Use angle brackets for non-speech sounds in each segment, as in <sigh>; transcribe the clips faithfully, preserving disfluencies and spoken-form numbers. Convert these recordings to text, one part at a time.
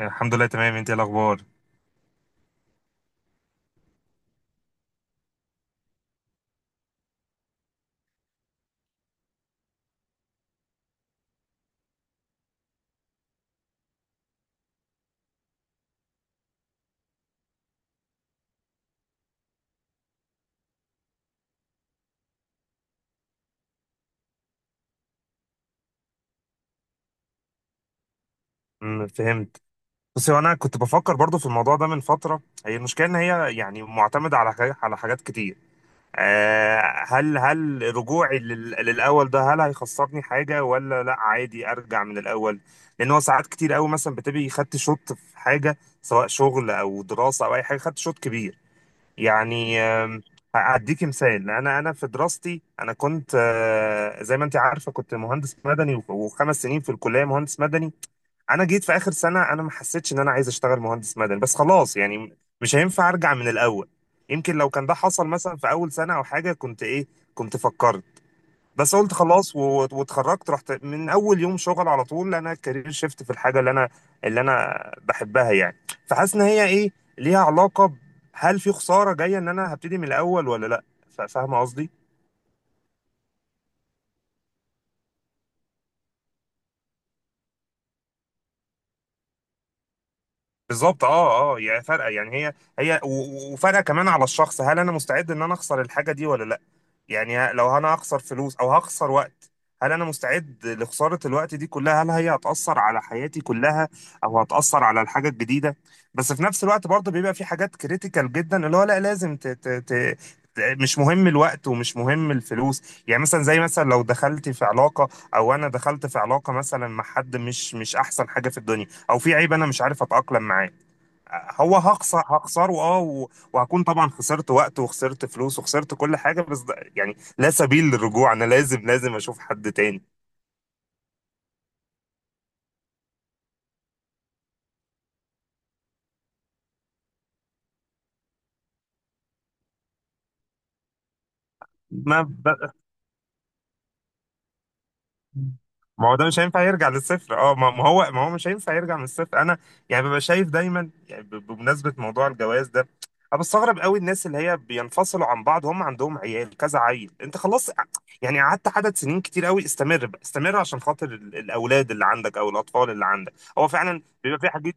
الحمد لله تمام، انت ايه الاخبار؟ امم، فهمت. بس هو انا كنت بفكر برضو في الموضوع ده من فتره. هي المشكله ان هي يعني معتمده على حاجات على حاجات كتير آه، هل هل رجوعي لل- للاول ده هل هيخسرني حاجه ولا لا، عادي ارجع من الاول؟ لان هو ساعات كتير قوي مثلا بتبقي خدت شوط في حاجه سواء شغل او دراسه او اي حاجه، خدت شوط كبير يعني. آم، هأديكي مثال: انا انا في دراستي انا كنت آه، زي ما انت عارفه كنت مهندس مدني، وخمس سنين في الكليه مهندس مدني. انا جيت في اخر سنه، انا ما حسيتش ان انا عايز اشتغل مهندس مدني، بس خلاص يعني مش هينفع ارجع من الاول. يمكن لو كان ده حصل مثلا في اول سنه او حاجه كنت ايه، كنت فكرت. بس قلت خلاص و- واتخرجت، رحت من اول يوم شغل على طول، انا كارير شيفت في الحاجه اللي انا اللي انا بحبها يعني. فحاسس ان هي ايه، ليها علاقه ب- هل في خساره جايه ان انا هبتدي من الاول ولا لا؟ فا- فاهمه قصدي؟ بالظبط، اه اه. يعني فرقه يعني هي هي و- و- وفرقه كمان على الشخص، هل انا مستعد ان انا اخسر الحاجه دي ولا لا؟ يعني ه- لو انا هخسر فلوس او هخسر وقت، هل انا مستعد لخسارة الوقت دي كلها؟ هل هي هتأثر على حياتي كلها او هتأثر على الحاجة الجديدة؟ بس في نفس الوقت برضه بيبقى في حاجات كريتيكال جدا، اللي هو لا لازم ت... ت... ت... ت- مش مهم الوقت ومش مهم الفلوس. يعني مثلا، زي مثلا لو دخلت في علاقة، او انا دخلت في علاقة مثلا مع حد مش مش احسن حاجة في الدنيا، او في عيب انا مش عارف اتأقلم معاه، هو هخسر هخسره اه، و- وهكون طبعا خسرت وقت وخسرت فلوس وخسرت كل حاجه، بس ده يعني لا سبيل للرجوع، انا لازم لازم اشوف حد تاني. ما ب- ما هو ده مش هينفع يرجع للصفر. اه ما ما هو ما هو مش هينفع يرجع من الصفر. انا يعني ببقى شايف دايما، يعني ب- بمناسبه موضوع الجواز ده، انا بستغرب قوي الناس اللي هي بينفصلوا عن بعض هم عندهم عيال كذا عيل، انت خلاص يعني قعدت عدد سنين كتير قوي، استمر بقى، استمر عشان خاطر ال- الاولاد اللي عندك او الاطفال اللي عندك. هو فعلا بيبقى في حاجات.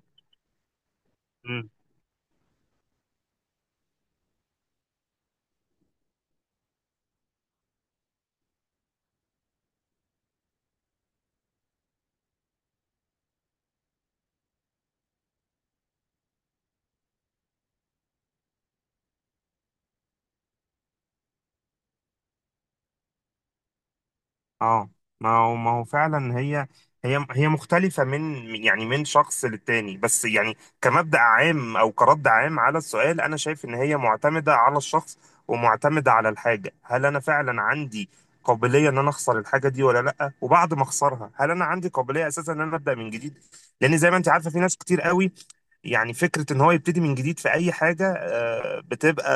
اه ما هو ما هو فعلا هي هي هي مختلفة من يعني من شخص للتاني، بس يعني كمبدأ عام أو كرد عام على السؤال، أنا شايف إن هي معتمدة على الشخص ومعتمدة على الحاجة. هل أنا فعلا عندي قابلية إن أنا أخسر الحاجة دي ولا لأ؟ وبعد ما أخسرها هل أنا عندي قابلية أساسا إن أنا أبدأ من جديد؟ لأن زي ما أنت عارفة في ناس كتير قوي، يعني فكرة إن هو يبتدي من جديد في أي حاجة آه، بتبقى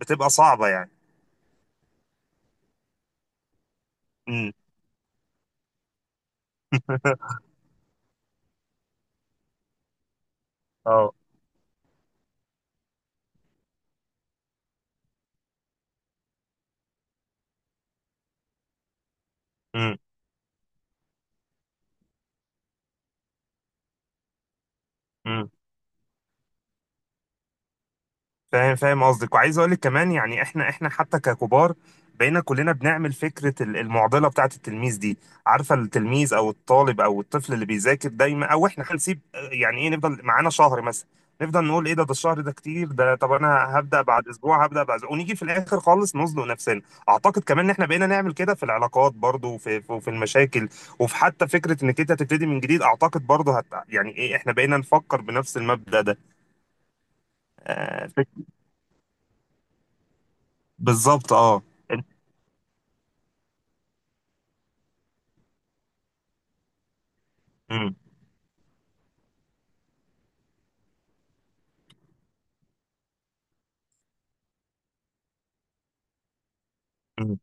بتبقى صعبة يعني. امم <laughs> اه. امم فاهم، فاهم قصدك. وعايز اقول لك كمان يعني، احنا احنا حتى ككبار بقينا كلنا بنعمل فكره ال- المعضله بتاعه التلميذ دي. عارفه التلميذ او الطالب او الطفل اللي بيذاكر دايما، او احنا هنسيب يعني ايه، نفضل معانا شهر مثلا، نفضل نقول ايه ده، ده الشهر ده كتير، ده طب انا هبدا بعد اسبوع، هبدا بعد أسبوع. ونيجي في الاخر خالص نزنق نفسنا. اعتقد كمان ان احنا بقينا نعمل كده في العلاقات برضو، وفي في في المشاكل، وفي حتى فكره انك انت تبتدي من جديد. اعتقد برضو هت، يعني ايه، احنا بقينا نفكر بنفس المبدا ده. آه، بالظبط اه. مم. مم.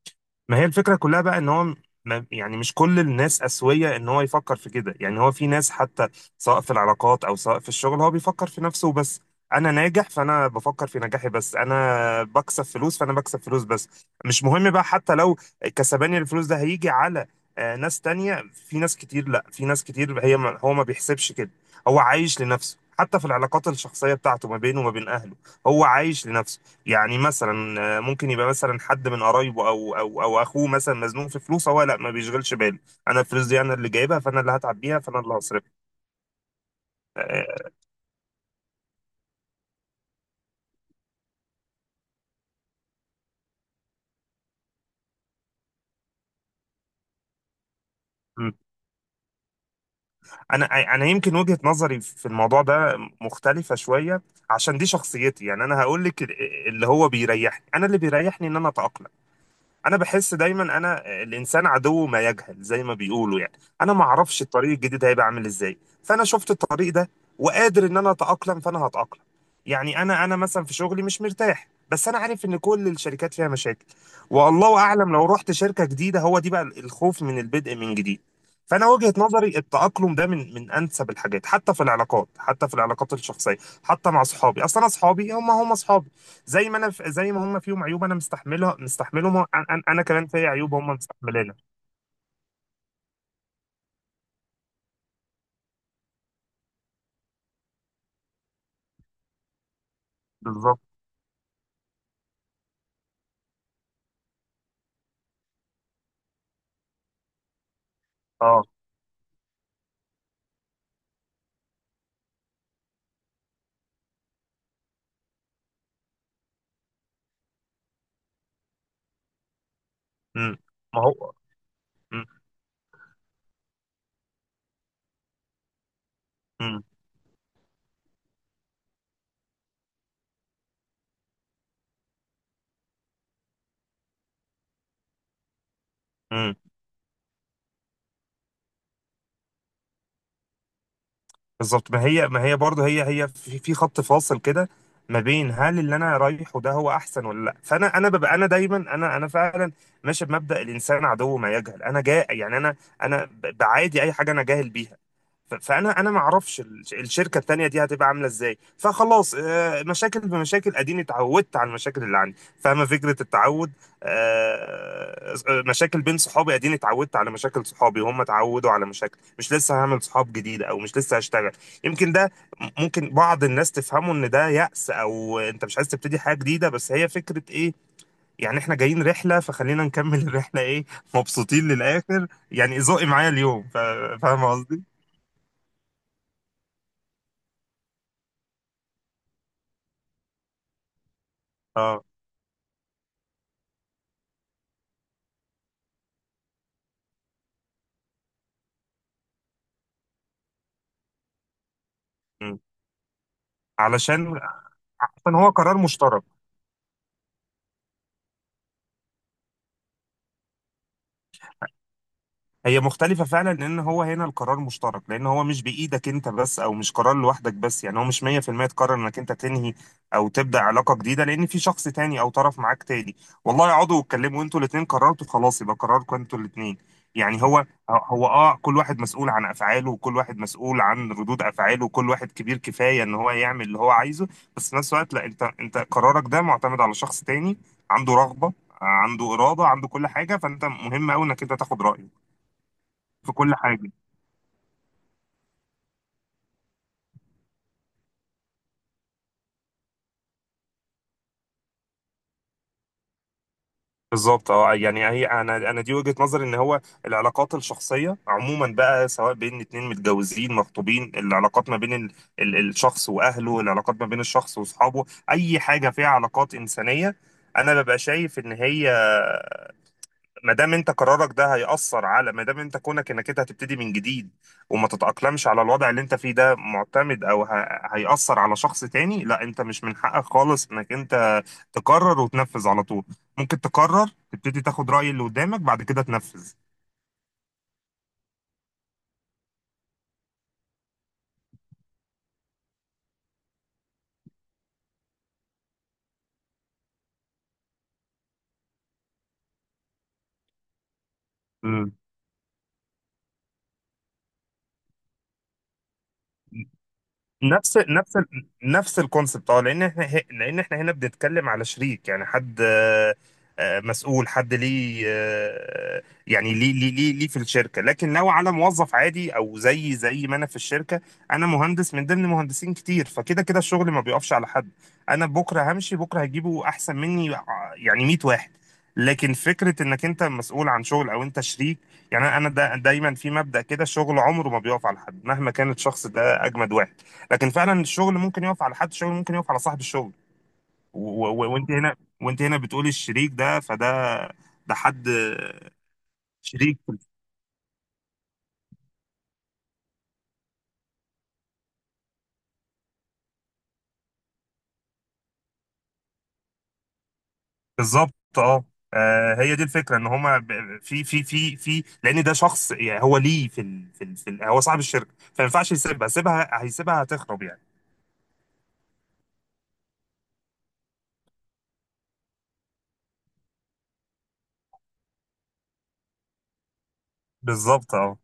ما هي الفكره كلها بقى ان هو م- ما- يعني مش كل الناس اسويه ان هو يفكر في كده. يعني هو في ناس حتى سواء في العلاقات او سواء في الشغل، هو بيفكر في نفسه بس. انا ناجح فانا بفكر في نجاحي بس، انا بكسب فلوس فانا بكسب فلوس بس، مش مهم بقى حتى لو كسباني الفلوس ده هيجي على آه، ناس تانية. في ناس كتير، لا في ناس كتير هي ما هو ما بيحسبش كده، هو عايش لنفسه حتى في العلاقات الشخصيه بتاعته ما بينه وما بين اهله، هو عايش لنفسه. يعني مثلا آه، ممكن يبقى مثلا حد من قرايبه او او او اخوه مثلا مزنوق في فلوس، هو لا ما بيشغلش باله، انا الفلوس دي انا اللي جايبها فانا اللي هتعب بيها فانا اللي هصرفها. آه، م. انا انا يمكن وجهة نظري في الموضوع ده مختلفة شوية، عشان دي شخصيتي. يعني انا هقول لك ال- اللي هو بيريحني، انا اللي بيريحني ان انا اتاقلم. انا بحس دايما، انا الانسان عدو ما يجهل زي ما بيقولوا يعني، انا ما اعرفش الطريق الجديد هيبقى عامل ازاي، فانا شفت الطريق ده وقادر ان انا اتاقلم فانا هتاقلم. يعني انا انا مثلا في شغلي مش مرتاح، بس انا عارف ان كل الشركات فيها مشاكل، والله اعلم لو رحت شركه جديده. هو دي بقى الخوف من البدء من جديد. فانا وجهه نظري التاقلم ده من من انسب الحاجات، حتى في العلاقات، حتى في العلاقات الشخصيه، حتى مع اصحابي. اصلا اصحابي هم هم اصحابي، زي ما انا في... زي ما هم فيهم عيوب انا مستحملها مستحملهم، أنا... أنا أنا كمان في عيوب هم مستحملينها. بالظبط اه. امم ما هو. امم امم امم. بالظبط. ما هي ما هي برضه، هي هي في في خط فاصل كده ما بين هل اللي انا رايحه ده هو احسن ولا لا. فانا انا ببقى، انا دايما انا انا فعلا ماشي بمبدأ الانسان عدو ما يجهل. انا جا يعني، انا انا ب- بعادي اي حاجه انا جاهل بيها. ف- فانا انا ما اعرفش ال- الشركه التانيه دي هتبقى عامله ازاي، فخلاص آه، مشاكل بمشاكل، اديني اتعودت على المشاكل اللي عندي، فاهمه فكره التعود؟ آه، آه، مشاكل بين صحابي، اديني اتعودت على مشاكل صحابي وهم اتعودوا على مشاكل. مش لسه هعمل صحاب جديده او مش لسه هشتغل. يمكن ده ممكن بعض الناس تفهمه ان ده يأس او انت مش عايز تبتدي حاجة جديدة، بس هي فكرة ايه، يعني احنا جايين رحلة فخلينا نكمل <laughs> الرحلة، ايه، مبسوطين للآخر يعني ذوقي معايا اليوم. فا- فاهم قصدي؟ اه. م. علشان، عشان هو قرار مشترك. هي مختلفة فعلا، لأن هو هنا القرار مشترك، لأن هو مش بإيدك أنت بس أو مش قرار لوحدك بس. يعني هو مش مية في المية تقرر إنك أنت تنهي أو تبدأ علاقة جديدة، لأن في شخص تاني أو طرف معاك تاني. والله اقعدوا واتكلموا، أنتوا الاتنين قررتوا خلاص يبقى قراركم أنتوا الاتنين. يعني هو هو أه كل واحد مسؤول عن أفعاله، وكل واحد مسؤول عن ردود أفعاله، وكل واحد كبير كفاية إن هو يعمل اللي هو عايزه. بس في نفس الوقت لا، أنت أنت قرارك ده معتمد على شخص تاني، عنده رغبة، عنده إرادة، عنده كل حاجة، فأنت مهم أوي إنك أنت تاخد رأيه في كل حاجه. بالظبط اه. يعني هي انا انا دي وجهه نظري ان هو العلاقات الشخصيه عموما بقى، سواء بين اتنين متجوزين مخطوبين، العلاقات ما بين ال ال الشخص واهله، العلاقات ما بين الشخص واصحابه، اي حاجه فيها علاقات انسانيه، انا ببقى شايف ان هي ما دام انت قرارك ده هيأثر على، ما دام انت كونك انك انت هتبتدي من جديد وما تتأقلمش على الوضع اللي انت فيه ده، معتمد او ه... هيأثر على شخص تاني، لا انت مش من حقك خالص انك انت تقرر وتنفذ على طول. ممكن تقرر تبتدي تاخد رأي اللي قدامك بعد كده تنفذ. مم. نفس نفس ال- نفس الكونسبت اه، لان احنا ه- لان احنا هنا بنتكلم على شريك، يعني حد آه، آه، مسؤول، حد ليه آه، يعني ليه ليه ليه ليه في الشركه. لكن لو على موظف عادي او زي زي ما انا في الشركه، انا مهندس من ضمن مهندسين كتير، فكده كده الشغل ما بيقفش على حد، انا بكره همشي بكره هجيبه احسن مني ع- يعني مية واحد. لكن فكره انك انت مسؤول عن شغل او انت شريك، يعني انا دا دايما في مبدأ كده: الشغل عمره ما بيقف على حد مهما كان الشخص ده اجمد واحد، لكن فعلا الشغل ممكن يقف على حد، الشغل ممكن يقف على صاحب الشغل. و- و- وانت هنا، وانت هنا بتقولي الشريك ده، فده ده حد شريك. بالظبط اه. آه، هي دي الفكره ان هما ب- في في في في لان ده شخص يعني هو ليه في ال في, ال في ال هو صاحب الشركه، فما ينفعش يسيبها، سيبها هيسيبها هتخرب يعني. بالظبط اه.